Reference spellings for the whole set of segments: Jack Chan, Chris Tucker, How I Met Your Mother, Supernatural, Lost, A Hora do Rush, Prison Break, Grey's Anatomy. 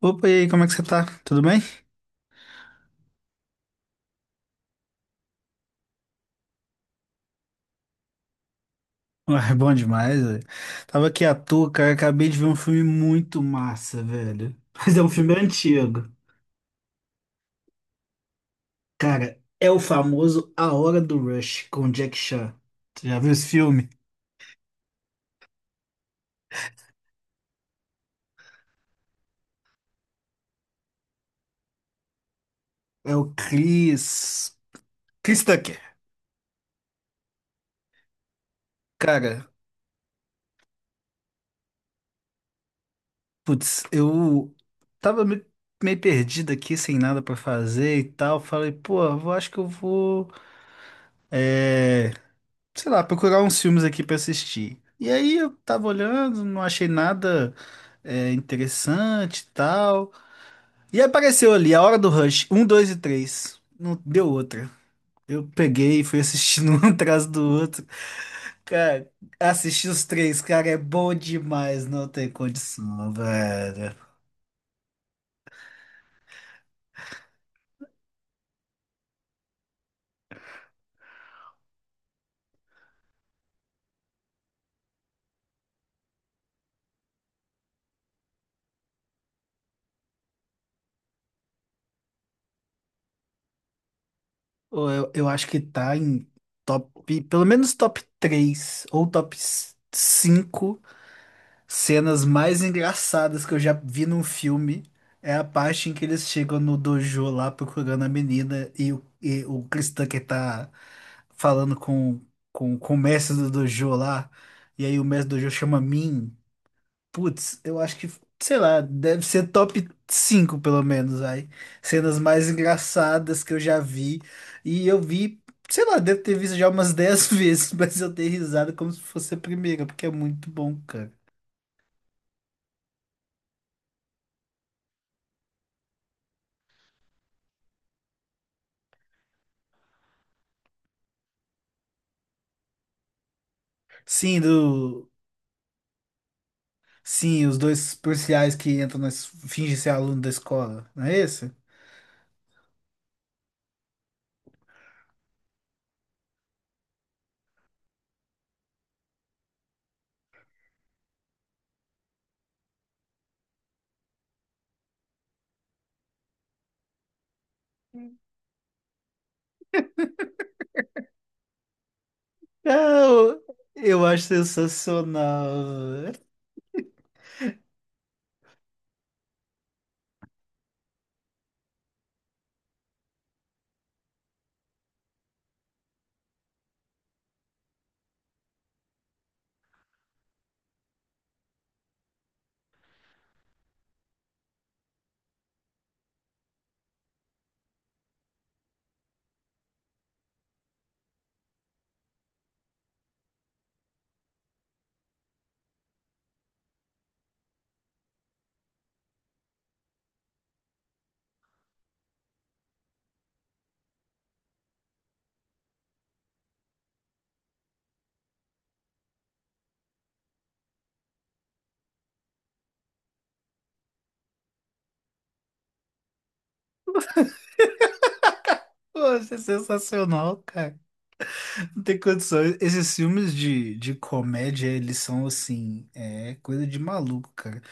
Opa, e aí, como é que você tá? Tudo bem? Ué, bom demais, velho. Tava aqui à toa, cara, acabei de ver um filme muito massa, velho. Mas é um filme antigo. Cara, é o famoso A Hora do Rush, com Jack Chan. Você já viu esse filme? É o Chris Tucker. Cara, putz, eu tava meio perdido aqui, sem nada pra fazer e tal. Falei, pô, eu acho que eu vou, é, sei lá, procurar uns filmes aqui pra assistir. E aí eu tava olhando, não achei nada interessante e tal. E apareceu ali A Hora do Rush, um, dois e três. Não deu outra. Eu peguei e fui assistindo um atrás do outro. Cara, assisti os três, cara, é bom demais, não tem condição, velho. Ou, eu acho que tá em top, pelo menos top 3 ou top 5 cenas mais engraçadas que eu já vi num filme, é a parte em que eles chegam no dojo lá procurando a menina e o Cristã que tá falando com o mestre do dojo lá, e aí o mestre do dojo chama Min. Putz, eu acho que, sei lá, deve ser top 5 pelo menos aí. Cenas mais engraçadas que eu já vi. E eu vi, sei lá, devo ter visto já umas 10 vezes, mas eu dei risada como se fosse a primeira, porque é muito bom, cara. Sim, do. Sim, os dois policiais que entram fingem ser aluno da escola, não é esse? Ah, Eu, eu acho sensacional, velho. Eu acho sensacional, cara. Não tem condições. Esses filmes de comédia, eles são assim, é coisa de maluco, cara.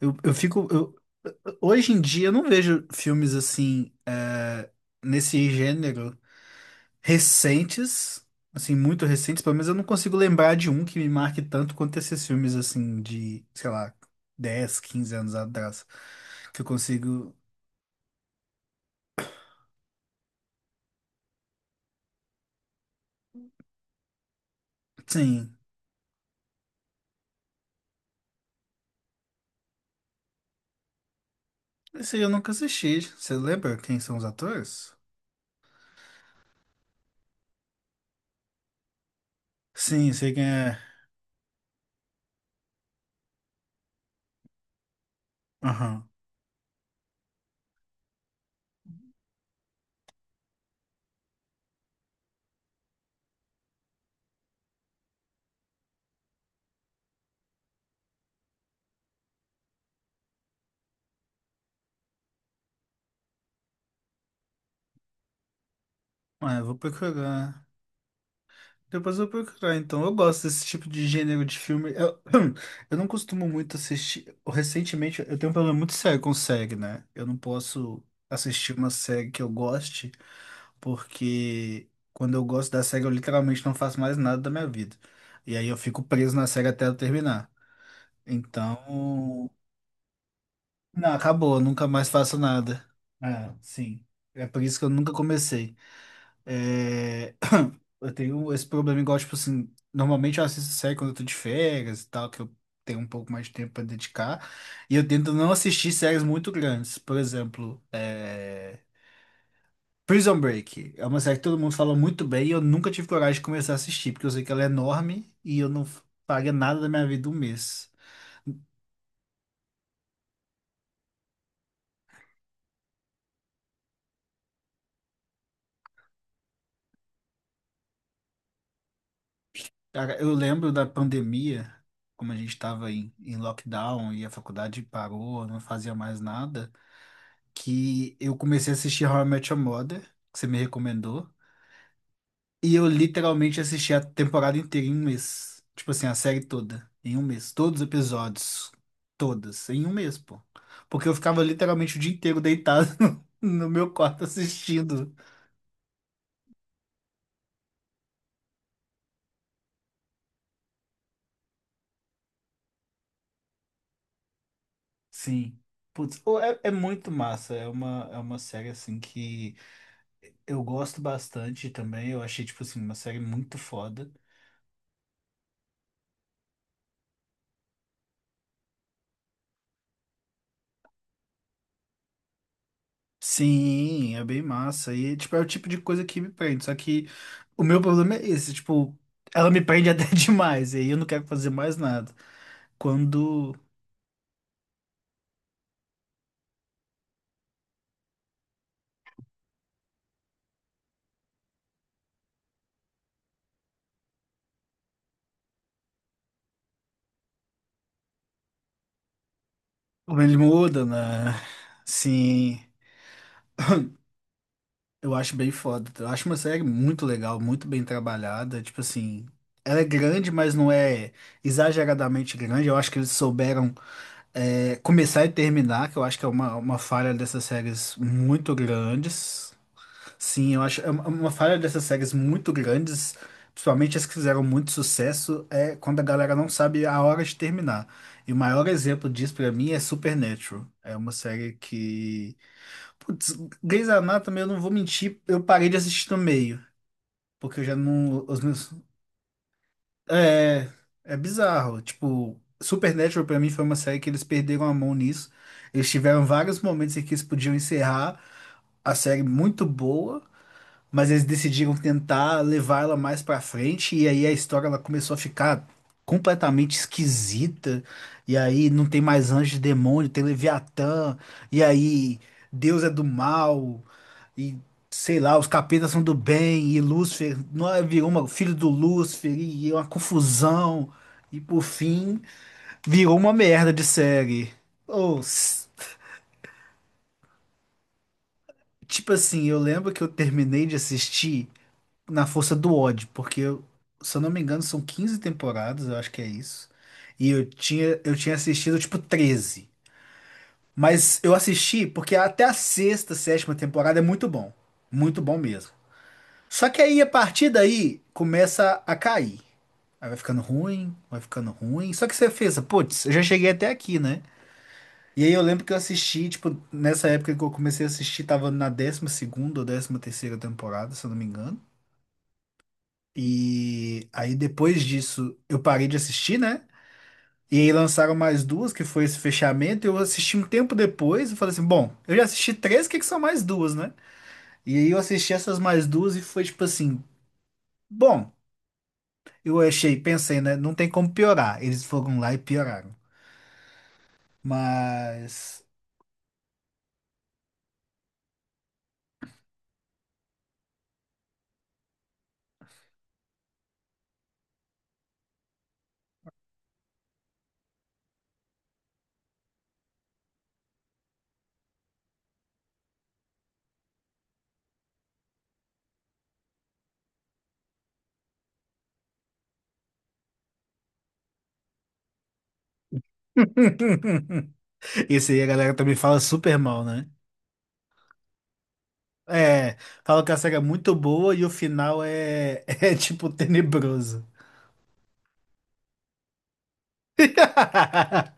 Eu, eu fico. eu- Hoje em dia eu não vejo filmes assim, nesse gênero, recentes, assim, muito recentes, pelo menos eu não consigo lembrar de um que me marque tanto quanto esses filmes, assim, de, sei lá, 10, 15 anos atrás, que eu consigo. Sim, esse aí eu nunca assisti, você lembra quem são os atores? Sim, sei quem é. Aham. Ah, eu vou procurar, depois eu vou procurar, então, eu gosto desse tipo de gênero de filme, eu, eu não costumo muito assistir, recentemente eu tenho um problema muito sério com série, né, eu não posso assistir uma série que eu goste, porque quando eu gosto da série, eu literalmente não faço mais nada da minha vida. E aí eu fico preso na série até eu terminar. Então, não, acabou, eu nunca mais faço nada. Ah, sim. É por isso que eu nunca comecei. É, eu tenho esse problema igual, tipo assim, normalmente eu assisto série quando eu tô de férias e tal, que eu tenho um pouco mais de tempo pra dedicar. E eu tento não assistir séries muito grandes. Por exemplo, Prison Break é uma série que todo mundo fala muito bem e eu nunca tive coragem de começar a assistir, porque eu sei que ela é enorme e eu não paguei nada da minha vida um mês. Cara, eu lembro da pandemia, como a gente estava em lockdown e a faculdade parou, não fazia mais nada, que eu comecei a assistir How I Met Your Mother, que você me recomendou. E eu literalmente assisti a temporada inteira em um mês. Tipo assim, a série toda. Em um mês. Todos os episódios. Todas. Em um mês, pô. Porque eu ficava literalmente o dia inteiro deitado no meu quarto assistindo. Sim. Putz, ô, é muito massa. É uma série, assim, que eu gosto bastante também. Eu achei, tipo assim, uma série muito foda. Sim, é bem massa. E, tipo, é o tipo de coisa que me prende. Só que o meu problema é esse, tipo, ela me prende até demais, e aí eu não quero fazer mais nada. Quando ele muda, né? Sim, eu acho bem foda. Eu acho uma série muito legal, muito bem trabalhada. Tipo assim, ela é grande, mas não é exageradamente grande. Eu acho que eles souberam começar e terminar, que eu acho que é uma falha dessas séries muito grandes. Sim, eu acho é uma falha dessas séries muito grandes, principalmente as que fizeram muito sucesso, é quando a galera não sabe a hora de terminar. E o maior exemplo disso pra mim é Supernatural. É uma série que, putz, Grey's Anatomy, eu não vou mentir, eu parei de assistir no meio, porque eu já não os meus. É é bizarro, tipo, Supernatural pra mim foi uma série que eles perderam a mão nisso. Eles tiveram vários momentos em que eles podiam encerrar a série muito boa, mas eles decidiram tentar levar ela mais pra frente e aí a história ela começou a ficar completamente esquisita. E aí não tem mais anjo e demônio, tem Leviatã, e aí Deus é do mal e sei lá, os capetas são do bem e Lúcifer não é, virou uma filho do Lúcifer e uma confusão. E por fim, virou uma merda de série. Ou, tipo assim, eu lembro que eu terminei de assistir na força do ódio, porque se eu não me engano são 15 temporadas, eu acho que é isso. E eu tinha assistido tipo 13. Mas eu assisti porque até a sexta, sétima temporada é muito bom. Muito bom mesmo. Só que aí a partir daí começa a cair. Aí vai ficando ruim, vai ficando ruim. Só que você fez, putz, eu já cheguei até aqui, né? E aí eu lembro que eu assisti, tipo, nessa época que eu comecei a assistir, tava na 12ª ou 13ª temporada, se eu não me engano. E aí depois disso eu parei de assistir, né? E aí lançaram mais duas, que foi esse fechamento. Eu assisti um tempo depois e falei assim: bom, eu já assisti três, o que é que são mais duas, né? E aí eu assisti essas mais duas e foi tipo assim: bom, eu achei, pensei, né? Não tem como piorar. Eles foram lá e pioraram. Mas. Esse aí a galera também fala super mal, né? É, fala que a série é muito boa e o final é, é tipo tenebroso.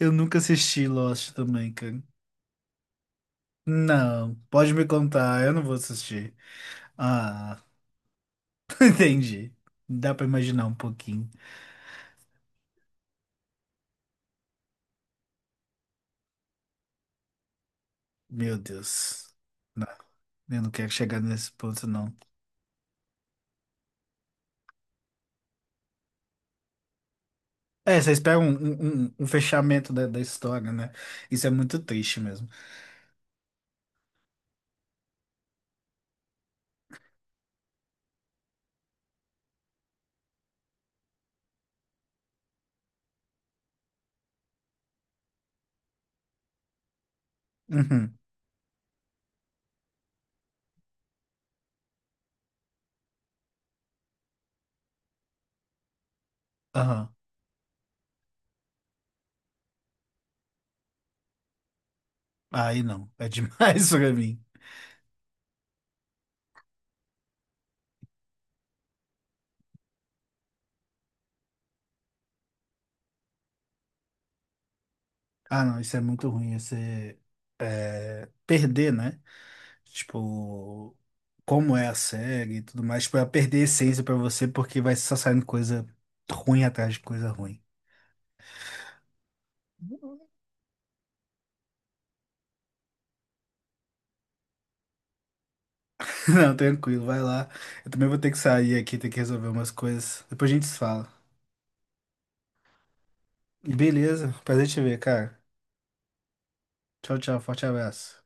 Eu nunca assisti Lost também, cara. Não, pode me contar, eu não vou assistir. Ah, entendi. Dá pra imaginar um pouquinho. Meu Deus. Não, eu não quero chegar nesse ponto, não. É, vocês pegam um fechamento da história, né? Isso é muito triste mesmo. Uhum, aham. Aí não, é demais pra mim. Ah, não, isso é muito ruim. Você perder, né? Tipo, como é a série e tudo mais. Tipo, vai perder a essência pra você porque vai só saindo coisa ruim atrás de coisa ruim. Não, tranquilo, vai lá. Eu também vou ter que sair aqui, ter que resolver umas coisas. Depois a gente se fala. Beleza, prazer te ver, cara. Tchau, tchau, forte abraço.